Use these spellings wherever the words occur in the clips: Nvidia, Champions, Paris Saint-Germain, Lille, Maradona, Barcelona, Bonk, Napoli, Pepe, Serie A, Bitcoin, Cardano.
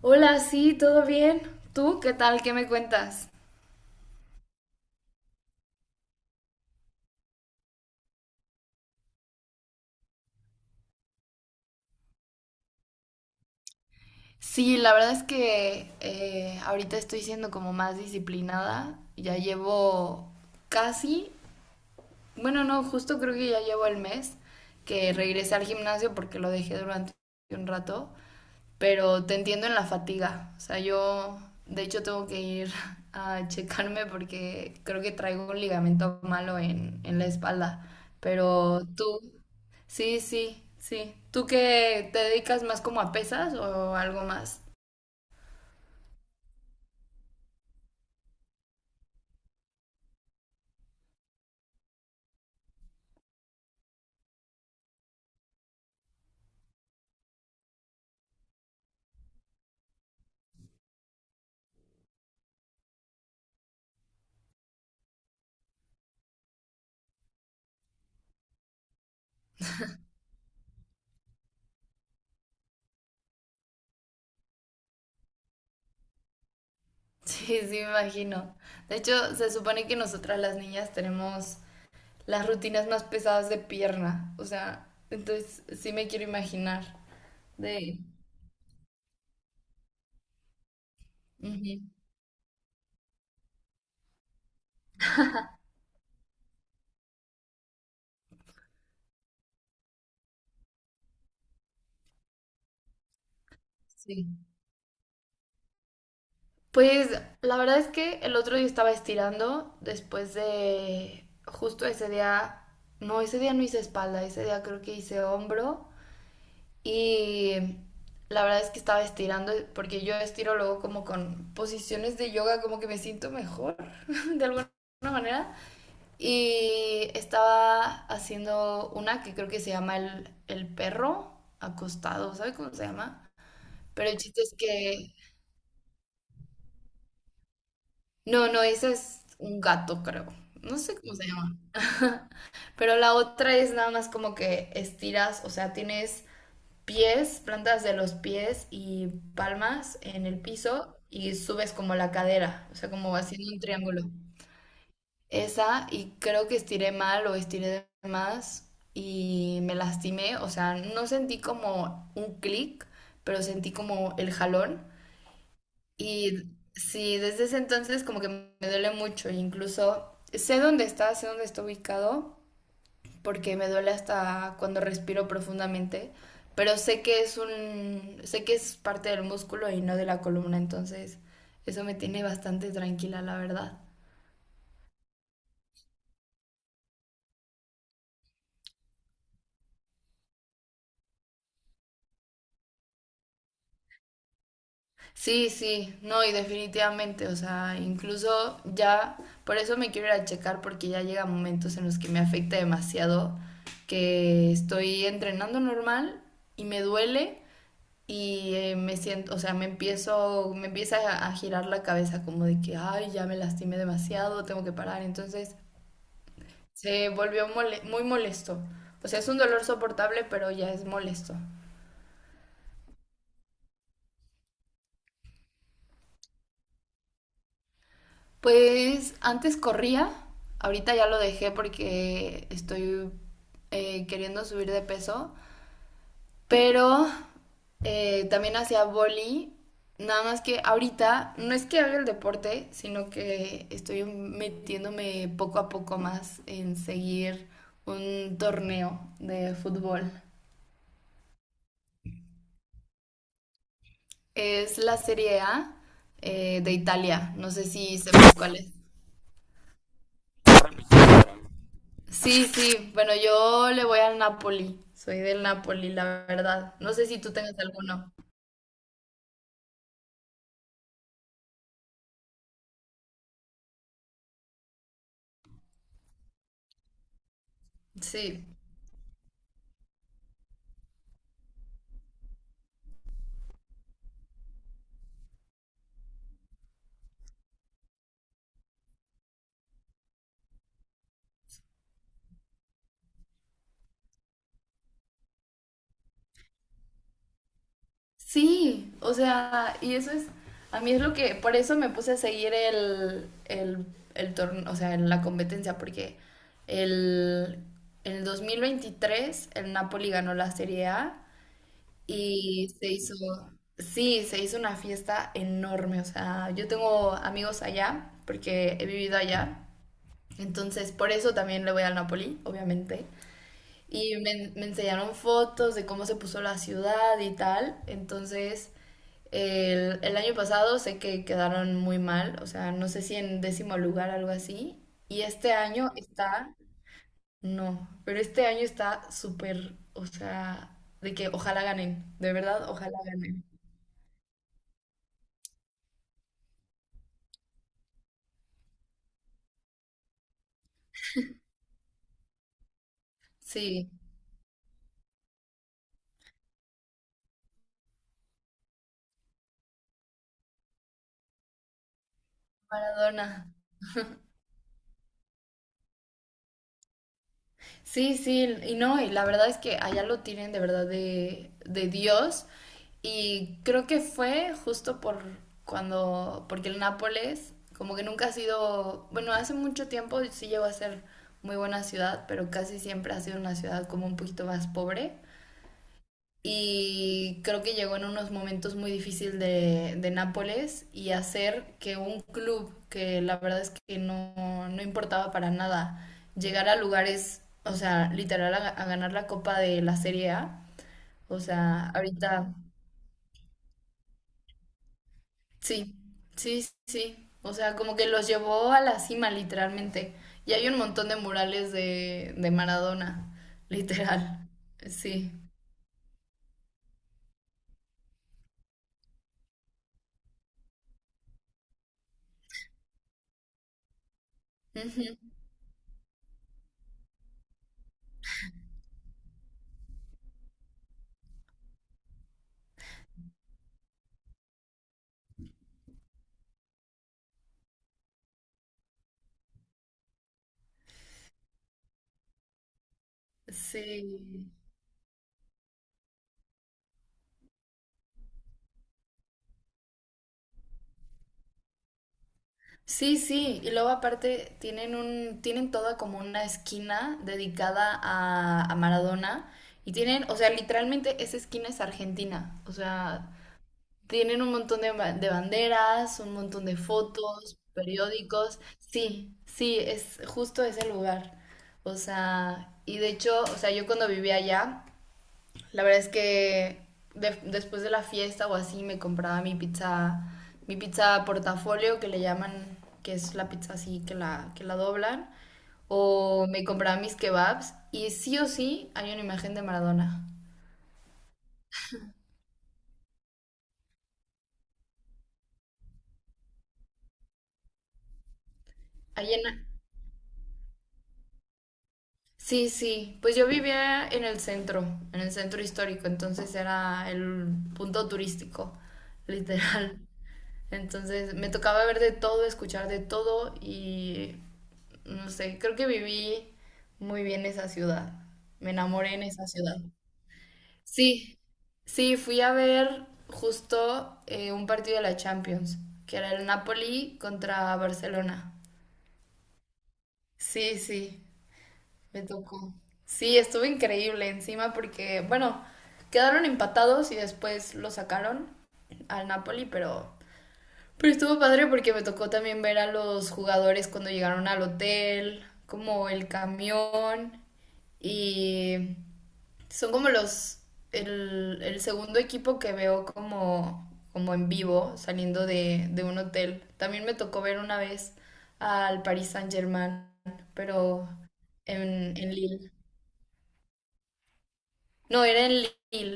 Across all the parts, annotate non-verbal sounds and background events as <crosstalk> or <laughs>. Hola, sí, ¿todo bien? ¿Tú qué tal? ¿Qué me cuentas? Sí, la verdad es que ahorita estoy siendo como más disciplinada. Ya llevo casi, bueno, no, justo creo que ya llevo el mes que regresé al gimnasio porque lo dejé durante un rato, pero te entiendo en la fatiga. O sea, yo de hecho tengo que ir <laughs> a checarme porque creo que traigo un ligamento malo en la espalda. Pero tú, sí, sí, sí. ¿Tú que te dedicas más como a pesas o algo más? <laughs> Sí, sí, me imagino. De hecho, se supone que nosotras las niñas tenemos las rutinas más pesadas de pierna. O sea, entonces sí me quiero imaginar. De... Ujú, sí. Pues la verdad es que el otro día estaba estirando después de... Justo ese día no hice espalda, ese día creo que hice hombro. Y la verdad es que estaba estirando, porque yo estiro luego como con posiciones de yoga, como que me siento mejor, <laughs> de alguna manera. Y estaba haciendo una que creo que se llama el perro acostado, ¿sabe cómo se llama? Pero el chiste es que... No, no, esa es un gato, creo. No sé cómo se llama. <laughs> Pero la otra es nada más como que estiras, o sea, tienes pies, plantas de los pies y palmas en el piso y subes como la cadera, o sea, como haciendo un triángulo. Esa, y creo que estiré mal o estiré de más y me lastimé, o sea, no sentí como un clic, pero sentí como el jalón. Y sí, desde ese entonces como que me duele mucho, e incluso sé dónde está ubicado, porque me duele hasta cuando respiro profundamente, pero sé que es un, sé que es parte del músculo y no de la columna, entonces eso me tiene bastante tranquila, la verdad. Sí, sí, no, y definitivamente, o sea, incluso ya, por eso me quiero ir a checar porque ya llega momentos en los que me afecta demasiado, que estoy entrenando normal y me duele, y me siento, o sea, me empiezo, me empieza a girar la cabeza como de que, ay, ya me lastimé demasiado, tengo que parar. Entonces se volvió muy molesto. O sea, es un dolor soportable, pero ya es molesto. Pues antes corría, ahorita ya lo dejé porque estoy queriendo subir de peso. Pero también hacía boli, nada más que ahorita no es que haga el deporte, sino que estoy metiéndome poco a poco más en seguir un torneo de fútbol. Es la Serie A de Italia, no sé si sepas cuál es. Sí, sí, bueno, yo le voy al Napoli, soy del Napoli, la verdad. No sé si tú tengas alguno. Sí. Sí, o sea, y eso es, a mí es lo que, por eso me puse a seguir el torneo, o sea, en la competencia, porque el, en el 2023 el Napoli ganó la Serie A y se hizo, sí, se hizo una fiesta enorme, o sea, yo tengo amigos allá, porque he vivido allá, entonces por eso también le voy al Napoli, obviamente. Y me enseñaron fotos de cómo se puso la ciudad y tal, entonces... El año pasado sé que quedaron muy mal, o sea, no sé si en décimo lugar, algo así. Y este año está, no, pero este año está súper, o sea, de que ojalá ganen, de verdad, ojalá ganen. Sí, Maradona. Sí, sí, y no, y la verdad es que allá lo tienen de verdad de Dios. Y creo que fue justo por cuando, porque el Nápoles como que nunca ha sido, bueno, hace mucho tiempo sí llegó a ser muy buena ciudad, pero casi siempre ha sido una ciudad como un poquito más pobre y creo que llegó en unos momentos muy difíciles de Nápoles y hacer que un club que la verdad es que no, no importaba para nada llegar a lugares, o sea, literal a ganar la Copa de la Serie A, o sea, ahorita sí, sí. O sea, como que los llevó a la cima literalmente. Y hay un montón de murales de Maradona, literal, sí. Ujú. Sí. Sí, sí, y luego aparte tienen un, tienen toda como una esquina dedicada a Maradona y tienen, o sea, literalmente esa esquina es Argentina, o sea, tienen un montón de, de banderas, un montón de fotos, periódicos, sí, sí, es justo ese lugar, o sea, y de hecho, o sea, yo cuando vivía allá la verdad es que después de la fiesta o así me compraba mi pizza portafolio que le llaman, que es la pizza así que la doblan, o me compraba mis kebabs y sí o sí hay una imagen de Maradona. Ahí en- sí, sí, pues yo vivía en el centro histórico, entonces era el punto turístico, <laughs> literal. Entonces me tocaba ver de todo, escuchar de todo y no sé, creo que viví muy bien esa ciudad. Me enamoré en esa ciudad. Sí, sí, fui a ver justo un partido de la Champions, que era el Napoli contra Barcelona. Sí, sí, me tocó. Sí, estuvo increíble encima porque, bueno, quedaron empatados y después lo sacaron al Napoli, pero estuvo padre porque me tocó también ver a los jugadores cuando llegaron al hotel, como el camión y son como los el segundo equipo que veo como como en vivo saliendo de un hotel. También me tocó ver una vez al Paris Saint-Germain, pero en Lille. No, era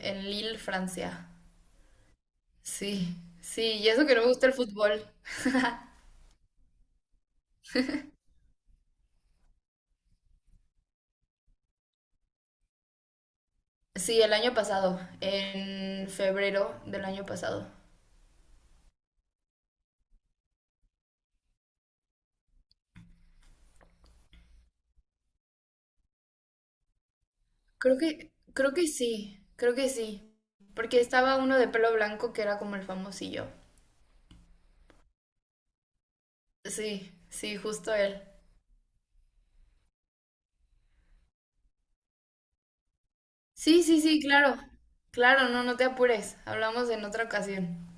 en Lille, Francia. Sí, sí, y eso que no me gusta el fútbol. Sí, el año pasado, en febrero del año pasado. Creo que sí, creo que sí. Porque estaba uno de pelo blanco que era como el famosillo. Sí, sí, justo él. Sí, sí, sí, claro. Claro, no, no te apures. Hablamos en otra ocasión.